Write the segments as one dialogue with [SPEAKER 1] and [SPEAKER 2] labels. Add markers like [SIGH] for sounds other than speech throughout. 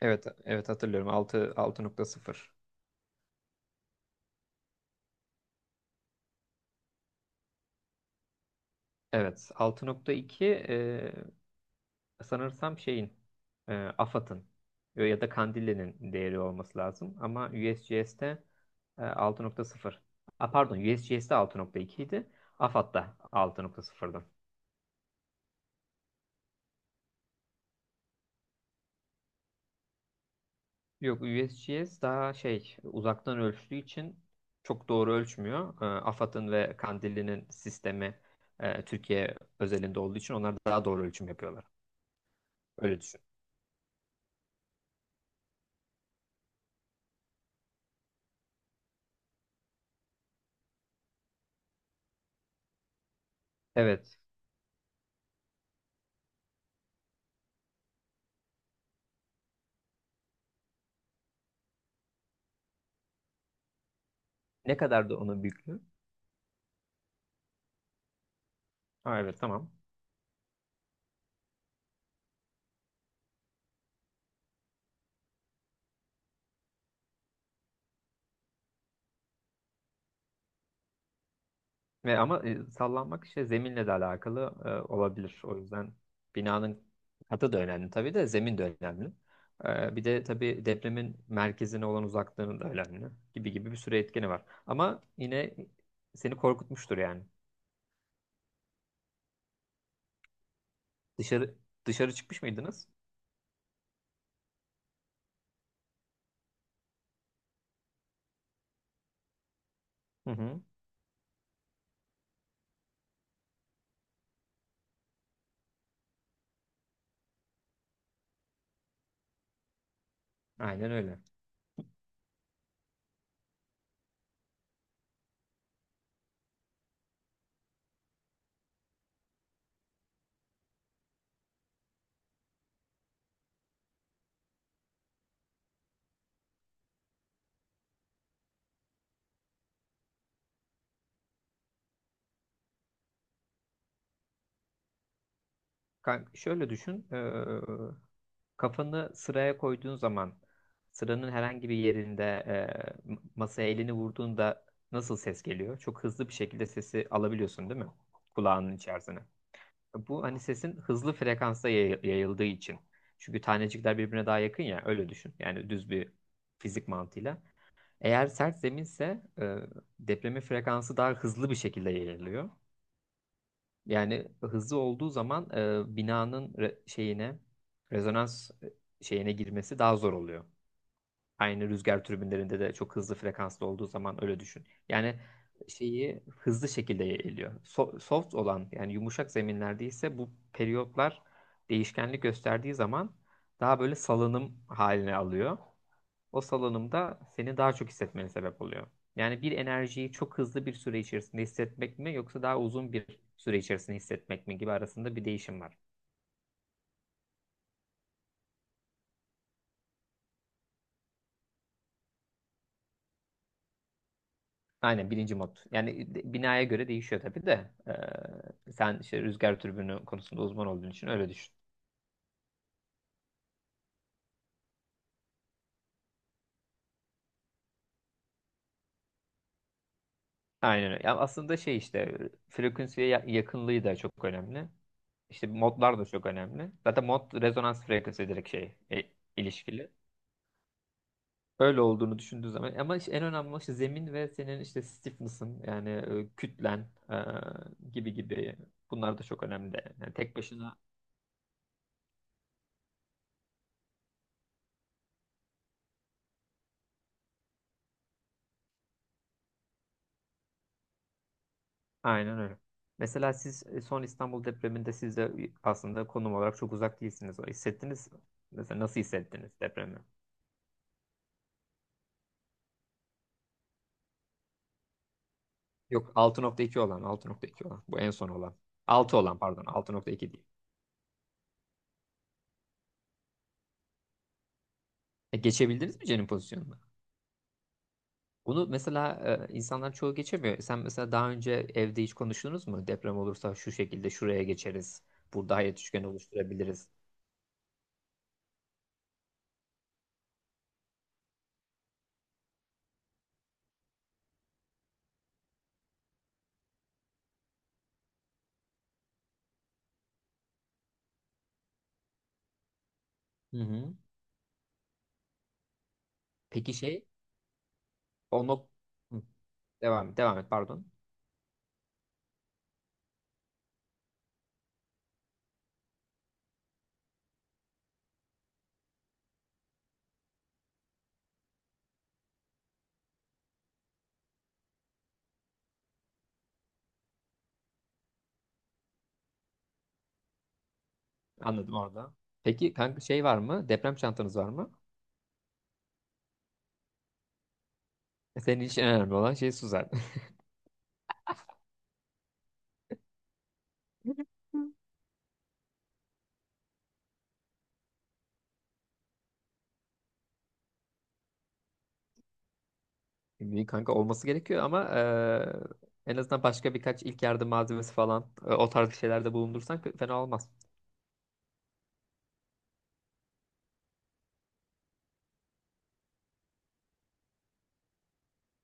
[SPEAKER 1] Evet, evet hatırlıyorum. Altı nokta sıfır. Evet, 6.2 sanırsam şeyin AFAD'ın ya da Kandilli'nin değeri olması lazım ama U S G S'te 6.0. A, pardon, U S G S'te USGS'te 6.2 idi. AFAD'da 6.0'dı. Yok, USGS daha şey uzaktan ölçtüğü için çok doğru ölçmüyor. AFAD'ın ve Kandilli'nin sistemi Türkiye özelinde olduğu için onlar daha doğru ölçüm yapıyorlar. Öyle düşün. Evet. Ne kadar da onun büyüklüğü? Ha, evet tamam. Ve ama sallanmak işte zeminle de alakalı olabilir. O yüzden binanın katı da önemli tabii de zemin de önemli. Bir de tabii depremin merkezine olan uzaklığının da önemli gibi gibi bir sürü etkeni var. Ama yine seni korkutmuştur yani. Dışarı dışarı çıkmış mıydınız? Hı hı. Aynen öyle. Kanka, şöyle düşün. Kafanı sıraya koyduğun zaman sıranın herhangi bir yerinde masaya elini vurduğunda nasıl ses geliyor? Çok hızlı bir şekilde sesi alabiliyorsun değil mi? Kulağının içerisine. Bu hani sesin hızlı frekansta yayıldığı için. Çünkü tanecikler birbirine daha yakın ya, öyle düşün. Yani düz bir fizik mantığıyla. Eğer sert zeminse depremin frekansı daha hızlı bir şekilde yayılıyor. Yani hızlı olduğu zaman binanın şeyine, rezonans şeyine girmesi daha zor oluyor. Aynı rüzgar türbinlerinde de çok hızlı frekanslı olduğu zaman öyle düşün. Yani şeyi hızlı şekilde yayılıyor. Soft olan, yani yumuşak zeminlerde ise bu periyotlar değişkenlik gösterdiği zaman daha böyle salınım haline alıyor, o salınımda seni daha çok hissetmene sebep oluyor. Yani bir enerjiyi çok hızlı bir süre içerisinde hissetmek mi yoksa daha uzun bir süre içerisinde hissetmek mi gibi arasında bir değişim var. Aynen birinci mod. Yani binaya göre değişiyor tabii de. Sen işte rüzgar türbünü konusunda uzman olduğun için öyle düşün. Aynen öyle. Ya aslında şey işte frekansıya yakınlığı da çok önemli. İşte modlar da çok önemli. Zaten mod rezonans frekansı direkt şey ilişkili. Öyle olduğunu düşündüğü zaman, ama işte en önemli olan işte zemin ve senin işte stiffness'ın, yani kütlen gibi gibi, bunlar da çok önemli. Yani tek başına aynen öyle. Mesela siz son İstanbul depreminde siz de aslında konum olarak çok uzak değilsiniz. O hissettiniz mi? Mesela nasıl hissettiniz depremi? Yok, altı nokta iki olan bu en son olan. 6 olan, pardon, 6.2 değil. Geçebildiniz mi Cen'in pozisyonuna? Bunu mesela insanlar çoğu geçemiyor. Sen mesela daha önce evde hiç konuştunuz mu? Deprem olursa şu şekilde şuraya geçeriz. Burada hayat üçgeni oluşturabiliriz. Hı hı. Peki şey, o nok- hı, devam devam et, pardon. Anladım orada. Peki kanka, şey var mı? Deprem çantanız var mı? [LAUGHS] Senin için en önemli olan şey su zaten. [LAUGHS] Şimdi kanka olması gerekiyor ama en azından başka birkaç ilk yardım malzemesi falan o tarz şeylerde bulundursan fena olmaz.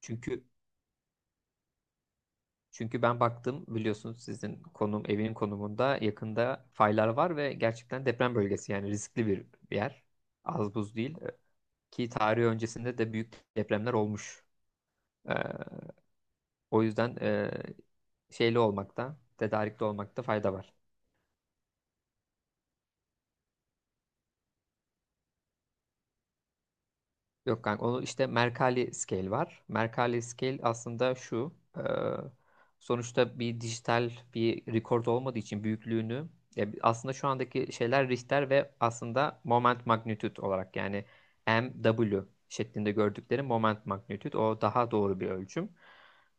[SPEAKER 1] Çünkü Çünkü ben baktım, biliyorsunuz sizin konum, evin konumunda yakında faylar var ve gerçekten deprem bölgesi, yani riskli bir yer. Az buz değil. Ki tarih öncesinde de büyük depremler olmuş. Ee, O yüzden şeyli olmakta, tedarikli olmakta fayda var. Yok kanka, onu işte Mercalli Scale var. Mercalli Scale aslında şu. Sonuçta bir dijital bir record olmadığı için büyüklüğünü aslında şu andaki şeyler Richter ve aslında moment magnitude olarak, yani MW şeklinde gördükleri moment magnitude, o daha doğru bir ölçüm.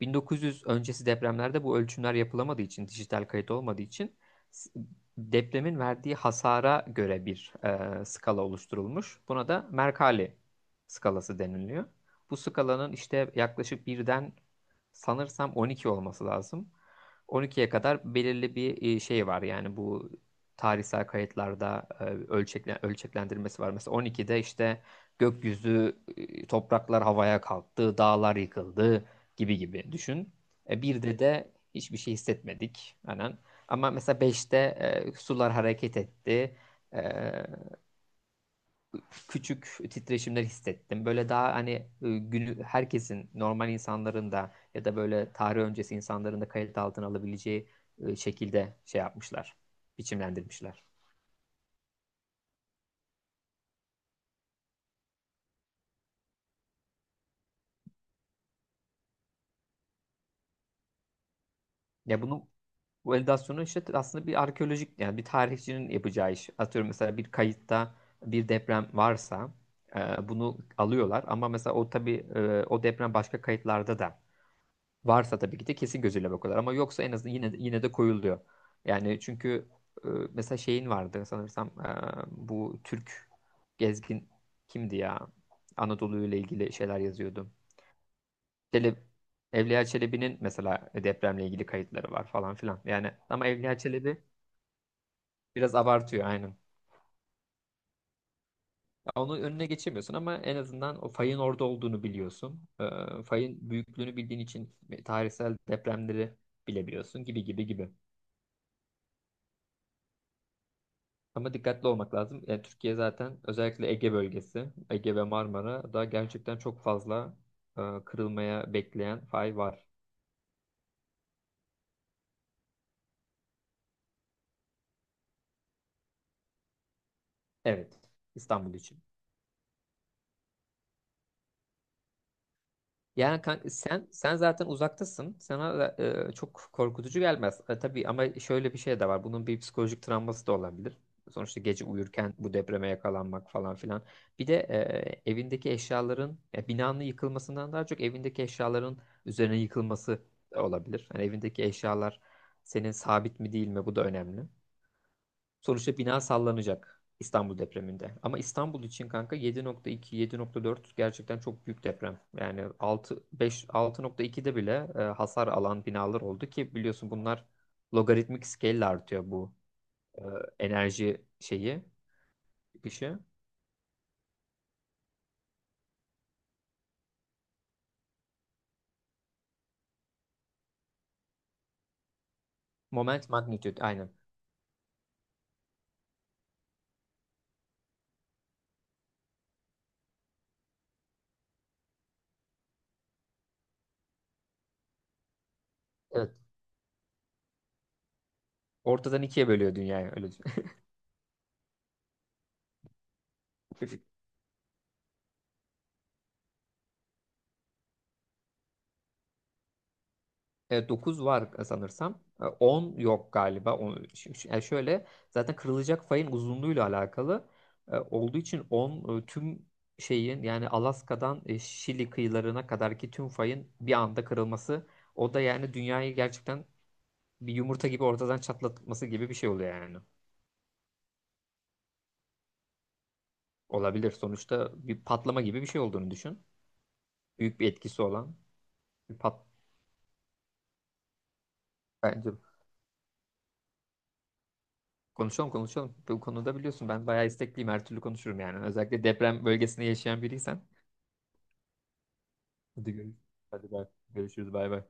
[SPEAKER 1] 1900 öncesi depremlerde bu ölçümler yapılamadığı için, dijital kayıt olmadığı için s- depremin verdiği hasara göre bir skala oluşturulmuş. Buna da Mercalli skalası deniliyor. Bu skalanın işte yaklaşık birden sanırsam 12 olması lazım. 12'ye kadar belirli bir şey var. Yani bu tarihsel kayıtlarda ölçeklendirmesi var. Mesela 12'de işte gökyüzü, topraklar havaya kalktı, dağlar yıkıldı, gibi gibi düşün. Birde de hiçbir şey hissetmedik. Aynen. Ama mesela 5'te sular hareket etti. E, Küçük titreşimler hissettim. Böyle daha hani günü herkesin, normal insanların da ya da böyle tarih öncesi insanların da kayıt altına alabileceği şekilde şey yapmışlar. Biçimlendirmişler. Ya bu validasyonu işte aslında bir arkeolojik, yani bir tarihçinin yapacağı iş. Atıyorum mesela, bir kayıtta bir deprem varsa bunu alıyorlar ama mesela o tabii o deprem başka kayıtlarda da varsa tabii ki de kesin gözüyle bakıyorlar ama yoksa en azından yine de koyuluyor. Yani çünkü mesela şeyin vardı sanırsam bu Türk gezgin kimdi ya? Anadolu ile ilgili şeyler yazıyordu. Çelebi, Evliya Çelebi'nin mesela depremle ilgili kayıtları var falan filan. Yani ama Evliya Çelebi biraz abartıyor, aynen. Ya onun önüne geçemiyorsun ama en azından o fayın orada olduğunu biliyorsun. Fayın büyüklüğünü bildiğin için tarihsel depremleri bilebiliyorsun, gibi gibi gibi. Ama dikkatli olmak lazım. Yani Türkiye zaten, özellikle Ege bölgesi, Ege ve Marmara da gerçekten çok fazla kırılmaya bekleyen fay var. Evet, İstanbul için. Yani kanka, sen zaten uzaktasın. Sana da, çok korkutucu gelmez. Tabii ama şöyle bir şey de var. Bunun bir psikolojik travması da olabilir. Sonuçta gece uyurken bu depreme yakalanmak falan filan. Bir de evindeki eşyaların, ya binanın yıkılmasından daha çok evindeki eşyaların üzerine yıkılması da olabilir. Yani evindeki eşyalar senin sabit mi değil mi, bu da önemli. Sonuçta bina sallanacak İstanbul depreminde. Ama İstanbul için kanka, 7.2, 7.4 gerçekten çok büyük deprem. Yani 6, 5, 6.2'de bile hasar alan binalar oldu, ki biliyorsun bunlar logaritmik scale ile artıyor, bu e, enerji şeyi, çıkışı. Moment magnitude, aynen. Evet. Ortadan ikiye bölüyor dünyayı, öyle düşün. [LAUGHS] 9 var sanırsam. 10 yok galiba. On, yani şöyle, zaten kırılacak fayın uzunluğuyla alakalı olduğu için 10 tüm şeyin, yani Alaska'dan Şili kıyılarına kadarki tüm fayın bir anda kırılması, o da yani dünyayı gerçekten bir yumurta gibi ortadan çatlatması gibi bir şey oluyor yani. Olabilir. Sonuçta bir patlama gibi bir şey olduğunu düşün. Büyük bir etkisi olan bir pat, bence konuşalım, konuşalım. Bu konuda biliyorsun ben bayağı istekliyim. Her türlü konuşurum yani. Özellikle deprem bölgesinde yaşayan biriysen. Hadi görüşürüz. Hadi bay. Görüşürüz. Bay bay.